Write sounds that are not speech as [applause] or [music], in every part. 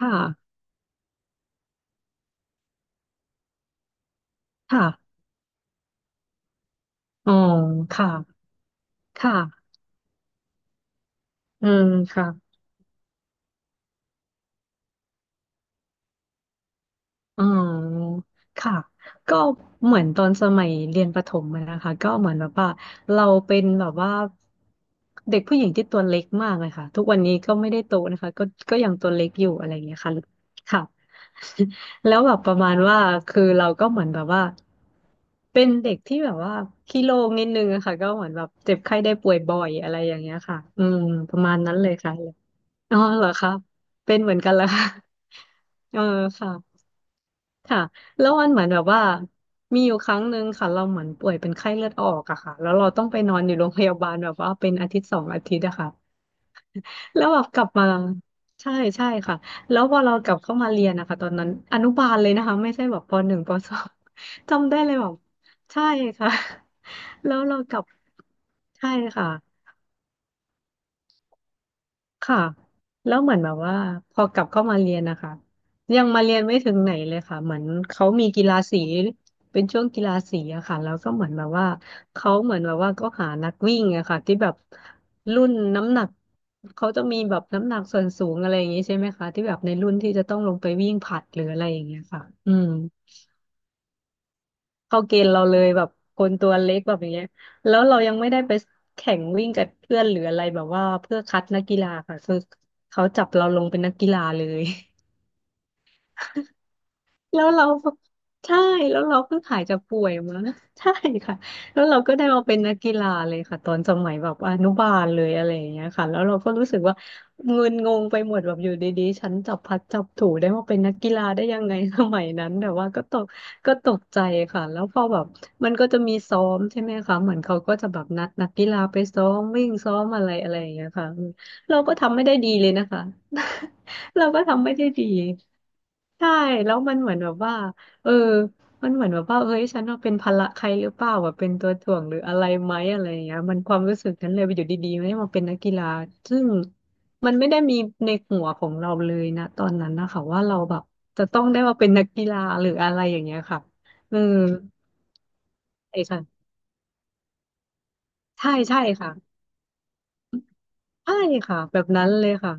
ค่ะค่ะอ๋อค่ะค่ะอืมค่ะอ๋อค่ะก็เหมือนตอนสมัยเรียนประถมอะนะคะก็เหมือนแบบว่าเราเป็นแบบว่าเด็กผู้หญิงที่ตัวเล็กมากเลยค่ะทุกวันนี้ก็ไม่ได้โตนะคะก็ยังตัวเล็กอยู่อะไรอย่างเงี้ยค่ะค่ะแล้วแบบประมาณว่าคือเราก็เหมือนแบบว่าเป็นเด็กที่แบบว่าขี้โลงนิดนึงอะค่ะก็เหมือนแบบเจ็บไข้ได้ป่วยบ่อยอะไรอย่างเงี้ยค่ะอืมประมาณนั้นเลยค่ะ อ๋อเหรอครับเป็นเหมือนกันแล้วค่ะเออค่ะค่ะแล้วมันเหมือนแบบว่ามีอยู่ครั้งหนึ่งค่ะเราเหมือนป่วยเป็นไข้เลือดออกอะค่ะแล้วเราต้องไปนอนอยู่โรงพยาบาลแบบว่าเป็นอาทิตย์สองอาทิตย์อะค่ะแล้วแบบกลับมาใช่ใช่ค่ะแล้วพอเรากลับเข้ามาเรียนนะคะตอนนั้นอนุบาลเลยนะคะไม่ใช่แบบปหนึ่งปสองจำได้เลยแบบใช่ค่ะ [laughs] แล้วเรากลับใช่ค่ะ ค่ะแล้วเหมือนแบบว่าพอกลับเข้ามาเรียนนะคะยังมาเรียนไม่ถึงไหนเลยค่ะเหมือนเขามีกีฬาสีเป็นช่วงกีฬาสีอะค่ะแล้วก็เหมือนแบบว่าเขาเหมือนแบบว่าก็หานักวิ่งอะค่ะที่แบบรุ่นน้ำหนักเขาจะมีแบบน้ำหนักส่วนสูงอะไรอย่างงี้ใช่ไหมคะที่แบบในรุ่นที่จะต้องลงไปวิ่งผลัดหรืออะไรอย่างเงี้ยค่ะอืม เข้าเกณฑ์เราเลยแบบคนตัวเล็กแบบอย่างเงี้ยแล้วเรายังไม่ได้ไปแข่งวิ่งกับเพื่อนหรืออะไรแบบว่าเพื่อคัดนักกีฬาค่ะคือเขาจับเราลงเป็นนักกีฬาเลย แล้วเราใช่แล้วเราเพิ่งหายจากป่วยมา [laughs] ใช่ค่ะแล้วเราก็ได้มาเป็นนักกีฬาเลยค่ะตอนสมัยแบบอนุบาลเลยอะไรอย่างเงี้ยค่ะแล้วเราก็รู้สึกว่าเงินงงไปหมดแบบอยู่ดีๆฉันจับพลัดจับถูได้มาเป็นนักกีฬาได้ยังไง [laughs] สมัยนั้นแต่ว่าก็ตกใจค่ะแล้วพอแบบมันก็จะมีซ้อมใช่ไหมคะเหมือนเขาก็จะแบบนัดนักกีฬาไปซ้อมวิ่งซ้อมอะไรอะไรอย่างเงี้ยค่ะเราก็ทำไม่ได้ดีเลยนะคะ [laughs] เราก็ทำไม่ได้ดีใช่แล้วมันเหมือนแบบว่าเออมันเหมือนแบบว่าเฮ้ยฉันว่าเป็นภาระใครหรือเปล่าแบบเป็นตัวถ่วงหรืออะไรไหมอะไรอย่างเงี้ยมันความรู้สึกนั้นเลยไปอยู่ดีๆไม่ได้มาเป็นนักกีฬาซึ่งมันไม่ได้มีในหัวของเราเลยนะตอนนั้นนะคะว่าเราแบบจะต้องได้มาเป็นนักกีฬาหรืออะไรอย่างเงี้ยค่ะเออใช่ค่ะใช่ใช่ค่ะใช่ค่ะแบบนั้นเลยค่ะ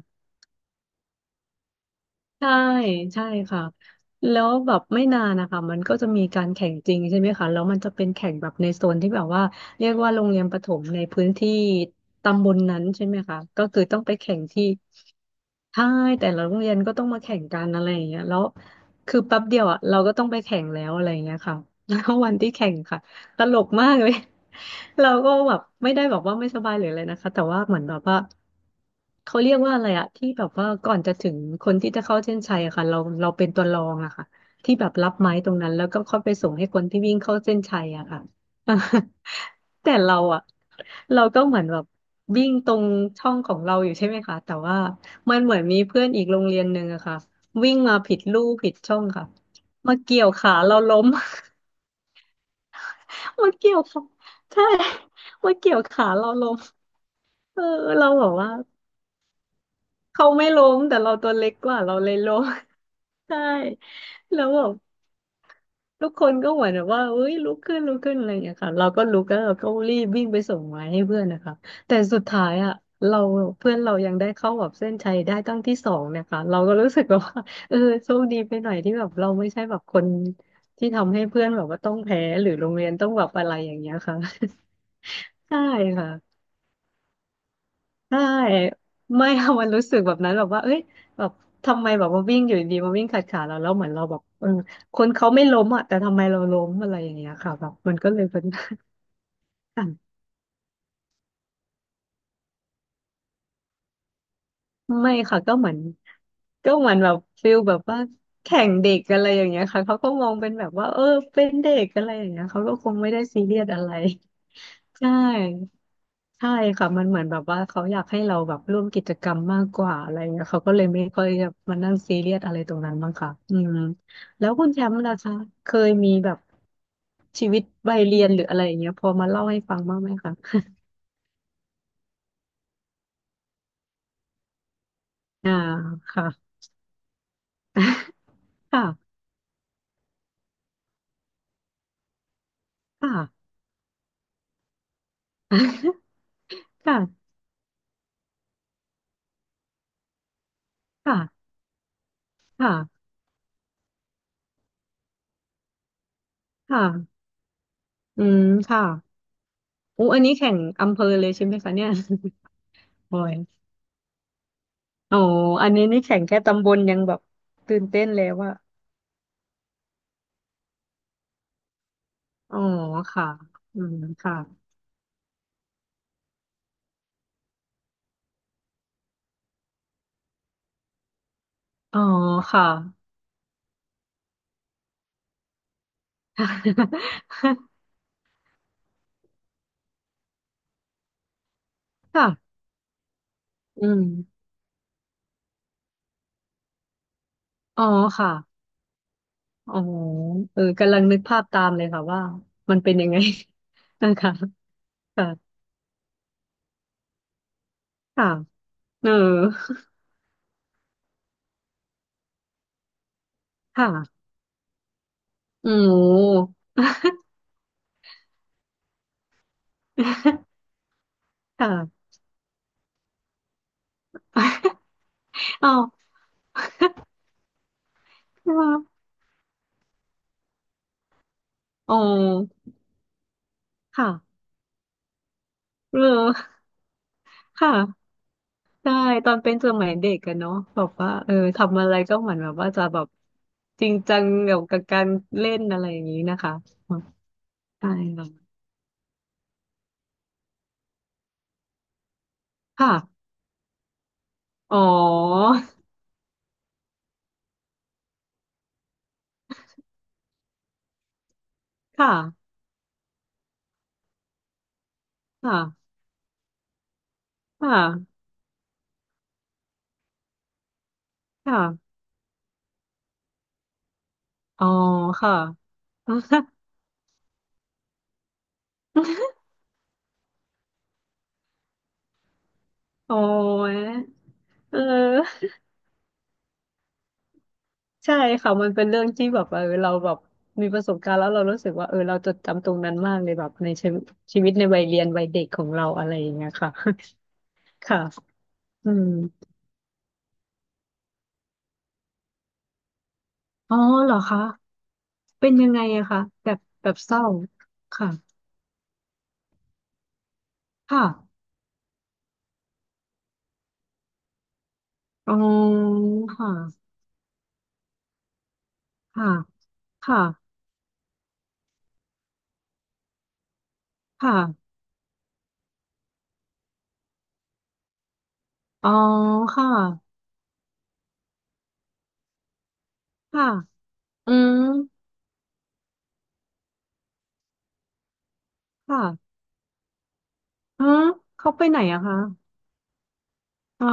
ใช่ใช่ค่ะแล้วแบบไม่นานนะคะมันก็จะมีการแข่งจริงใช่ไหมคะแล้วมันจะเป็นแข่งแบบในโซนที่แบบว่าเรียกว่าโรงเรียนประถมในพื้นที่ตำบลนั้นใช่ไหมคะก็คือต้องไปแข่งที่ ใช่แต่ละโรงเรียนก็ต้องมาแข่งกันอะไรอย่างเงี้ยแล้วคือแป๊บเดียวอ่ะเราก็ต้องไปแข่งแล้วอะไรอย่างเงี้ยค่ะ [laughs] แล้ววันที่แข่งค่ะตลกมากเลย [laughs] เราก็แบบไม่ได้แบบว่าไม่สบายหรืออะไรนะคะแต่ว่าเหมือนแบบว่าเขาเรียกว่าอะไรอะที่แบบว่าก่อนจะถึงคนที่จะเข้าเส้นชัยอะค่ะเราเป็นตัวรองอะค่ะที่แบบรับไม้ตรงนั้นแล้วก็ค่อยไปส่งให้คนที่วิ่งเข้าเส้นชัยอะค่ะ [laughs] อ่ะแต่เราอะเราก็เหมือนแบบวิ่งตรงช่องของเราอยู่ใช่ไหมคะแต่ว่ามันเหมือนมีเพื่อนอีกโรงเรียนหนึ่งอะค่ะวิ่งมาผิดลู่ผิดช่องค่ะมาเกี่ยวขาเราล้ม [laughs] มาเกี่ยวขาใช่มาเกี่ยวขาเราล้มเออเราบอกว่าเขาไม่ล้มแต่เราตัวเล็กกว่าเราเลยล้ม [laughs] ใช่แล้วแบบ ทุกคนก็เหมือนแบบว่าเอ้ยลุกขึ้นลุกขึ้นอะไรอย่างเงี้ยค่ะเราก็ลุกแล้วเราก็รีบวิ่งไปส่งไม้ให้เพื่อนนะคะแต่สุดท้ายอ่ะเราเพื่อนเรายังได้เข้าแบบเส้นชัยได้ตั้งที่สองนะคะเราก็รู้สึกแบบว่า [laughs] เออโชคดีไปหน่อยที่แบบเราไม่ใช่แบบคนที่ทำให้เพื่อนแบบว่าต้องแพ้หรือโรงเรียนต้องแบบอะไรอย่างเงี้ยค่ะ [laughs] ใช่ค่ะ ใช่ไม่ค่ะมันรู้สึกแบบนั้นแบบว่าเอ้ยแบบทำไมแบบมาวิ่งอยู่ดีๆมาวิ่งขัดขาเราแล้วเหมือนเราแบบเออคนเขาไม่ล้มอ่ะแต่ทำไมเราล้มอะไรอย่างเงี้ยค่ะแบบมันก็เลยเป็น [laughs] ไม่ค่ะก็เหมือนแบบฟิลแบบว่าแข่งเด็กอะไรอย่างเงี้ยค่ะเขาก็มองเป็นแบบว่าเออเป็นเด็กอะไรอย่างเงี้ยเขาก็คงไม่ได้ซีเรียสอะไรใช่ใช่ค่ะมันเหมือนแบบว่าเขาอยากให้เราแบบร่วมกิจกรรมมากกว่าอะไรเงี้ยเขาก็เลยไม่ค่อยแบบมานั่งซีเรียสอะไรตรงนั้นบ้างค่ะอืมแล้วคุณแชมป์ล่ะคะเคยมีแบบชีวิตวัยเรียนหรืออะไรอย่างเงี้ยพอมาเล่าให้ฟังบ้างไหมคะ [laughs] อ่าค่ะ [laughs] ค่ะค่ะ [laughs] ค่ะ ค่ะค่ะค่ะอืมค่ะโอ้อันนี้แข่งอำเภอเลยใช่ไหมคะเนี่ย [laughs] บอยอ๋ออันนี้นี่แข่งแค่ตำบลยังแบบตื่นเต้นแล้วอะอ๋อค่ะอืมค่ะอ๋อค่ะ [laughs] ค่ะอืมอ๋อค่ะอ๋อเออกำลังนึกภาพตามเลยค่ะว่ามันเป็นยังไง [laughs] นะคะค่ะค่ะเออค่ะโอืค่ะ [laughs] [laughs] อ๋ออ๋อ ค่ะเออค่ะใช่ตอนเป็นสมัยเด็กกันเนาะแบบว่าเออทำอะไรก็เหมือนแบบว่าจะแบบจริงจังเกี่ยวกับการเล่นอะไรอย่างนี้นะคะใช่ค่ะค่ะอ๋อค่ะค่ะค่ะค่ะอ๋อค่ะ [laughs] โอ๋อเออใช่ค่ะมันเป็นเรื่องที่แบบเออเราแบบมีประสบการณ์แล้วเรารู้สึกว่าเออเราจดจำตรงนั้นมากเลยแบบในชีวิตในวัยเรียนวัยเด็กของเราอะไรอย่างเงี้ยค่ะ [laughs] ค่ะ อืมอ๋อเหรอคะ เป็นยังไงอะคะแบบแบบเศร้า ค่ะค่ะอ๋อค่ะ ค่ะ ค่ะค่ะอ๋อ ค่ะค่ะอืมค่ะอืมเขาไปไหนอะคะอ๋อ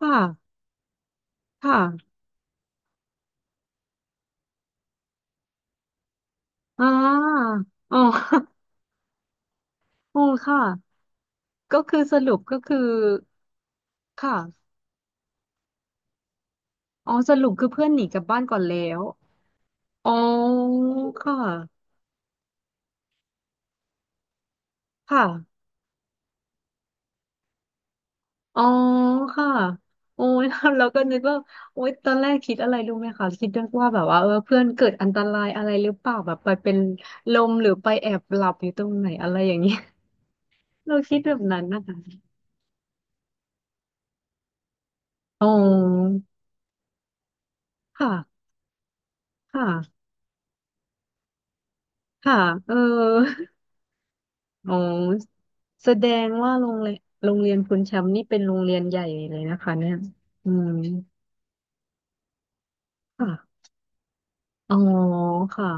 ค่ะค่ะอ่าอ๋อ [laughs] อ๋อค่ะก็คือสรุปก็คือค่ะอ๋อสรุปคือเพื่อนหนีกลับบ้านก่อนแล้ว อ๋อค่ะค่ะ อ๋อค่ะโอ้ย [laughs] เราก็นึกว่าโอ้ยตอนแรกคิดอะไรรู้ไหมคะคิดว่าแบบว่าเออเพื่อนเกิดอันตรายอะไรหรือเปล่าแบบไปเป็นลมหรือไปแอบหลับอยู่ตรงไหนอะไรอย่างเงี้ย [laughs] เราคิดแบบนั้นนะคะอ๋อค่ะค่ะค่ะเออ [laughs] อ๋อแสดงว่าโรงเรียนคุณแชมป์นี่เป็นโรงเรียนใหญ่เลยนะคะเนี่ยอืมค่ะอ๋อค่ะ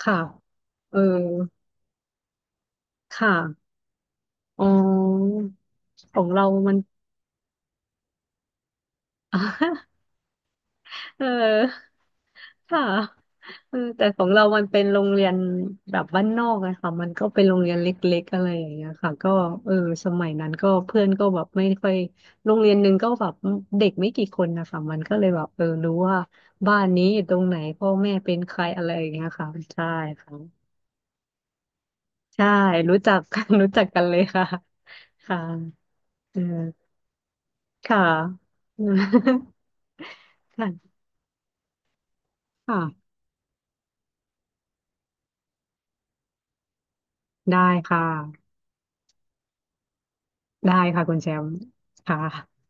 ค่ะเออค่ะ อ๋อของเรามัน [laughs] เออค่ะเออ แต่ของเรามันเป็นโรงเรียนแบบบ้านนอกอะค่ะมันก็เป็นโรงเรียนเล็กๆอะไรอย่างเงี้ยค่ะก็เออสมัยนั้นก็เพื่อนก็แบบไม่ค่อยโรงเรียนหนึ่งก็แบบเด็กไม่กี่คนนะคะมันก็เลยแบบเออรู้ว่าบ้านนี้อยู่ตรงไหนพ่อแม่เป็นใครอะไรอย่างเงี้ยค่ะใช่ค่ะใช่รู้จักกัน [laughs] รู้จักกันเลยค่ะค่ะเออค่ะอืมค่ะค่ะ ได้ค่ะ ได้ค่ะคุณแชมป์ค่ะ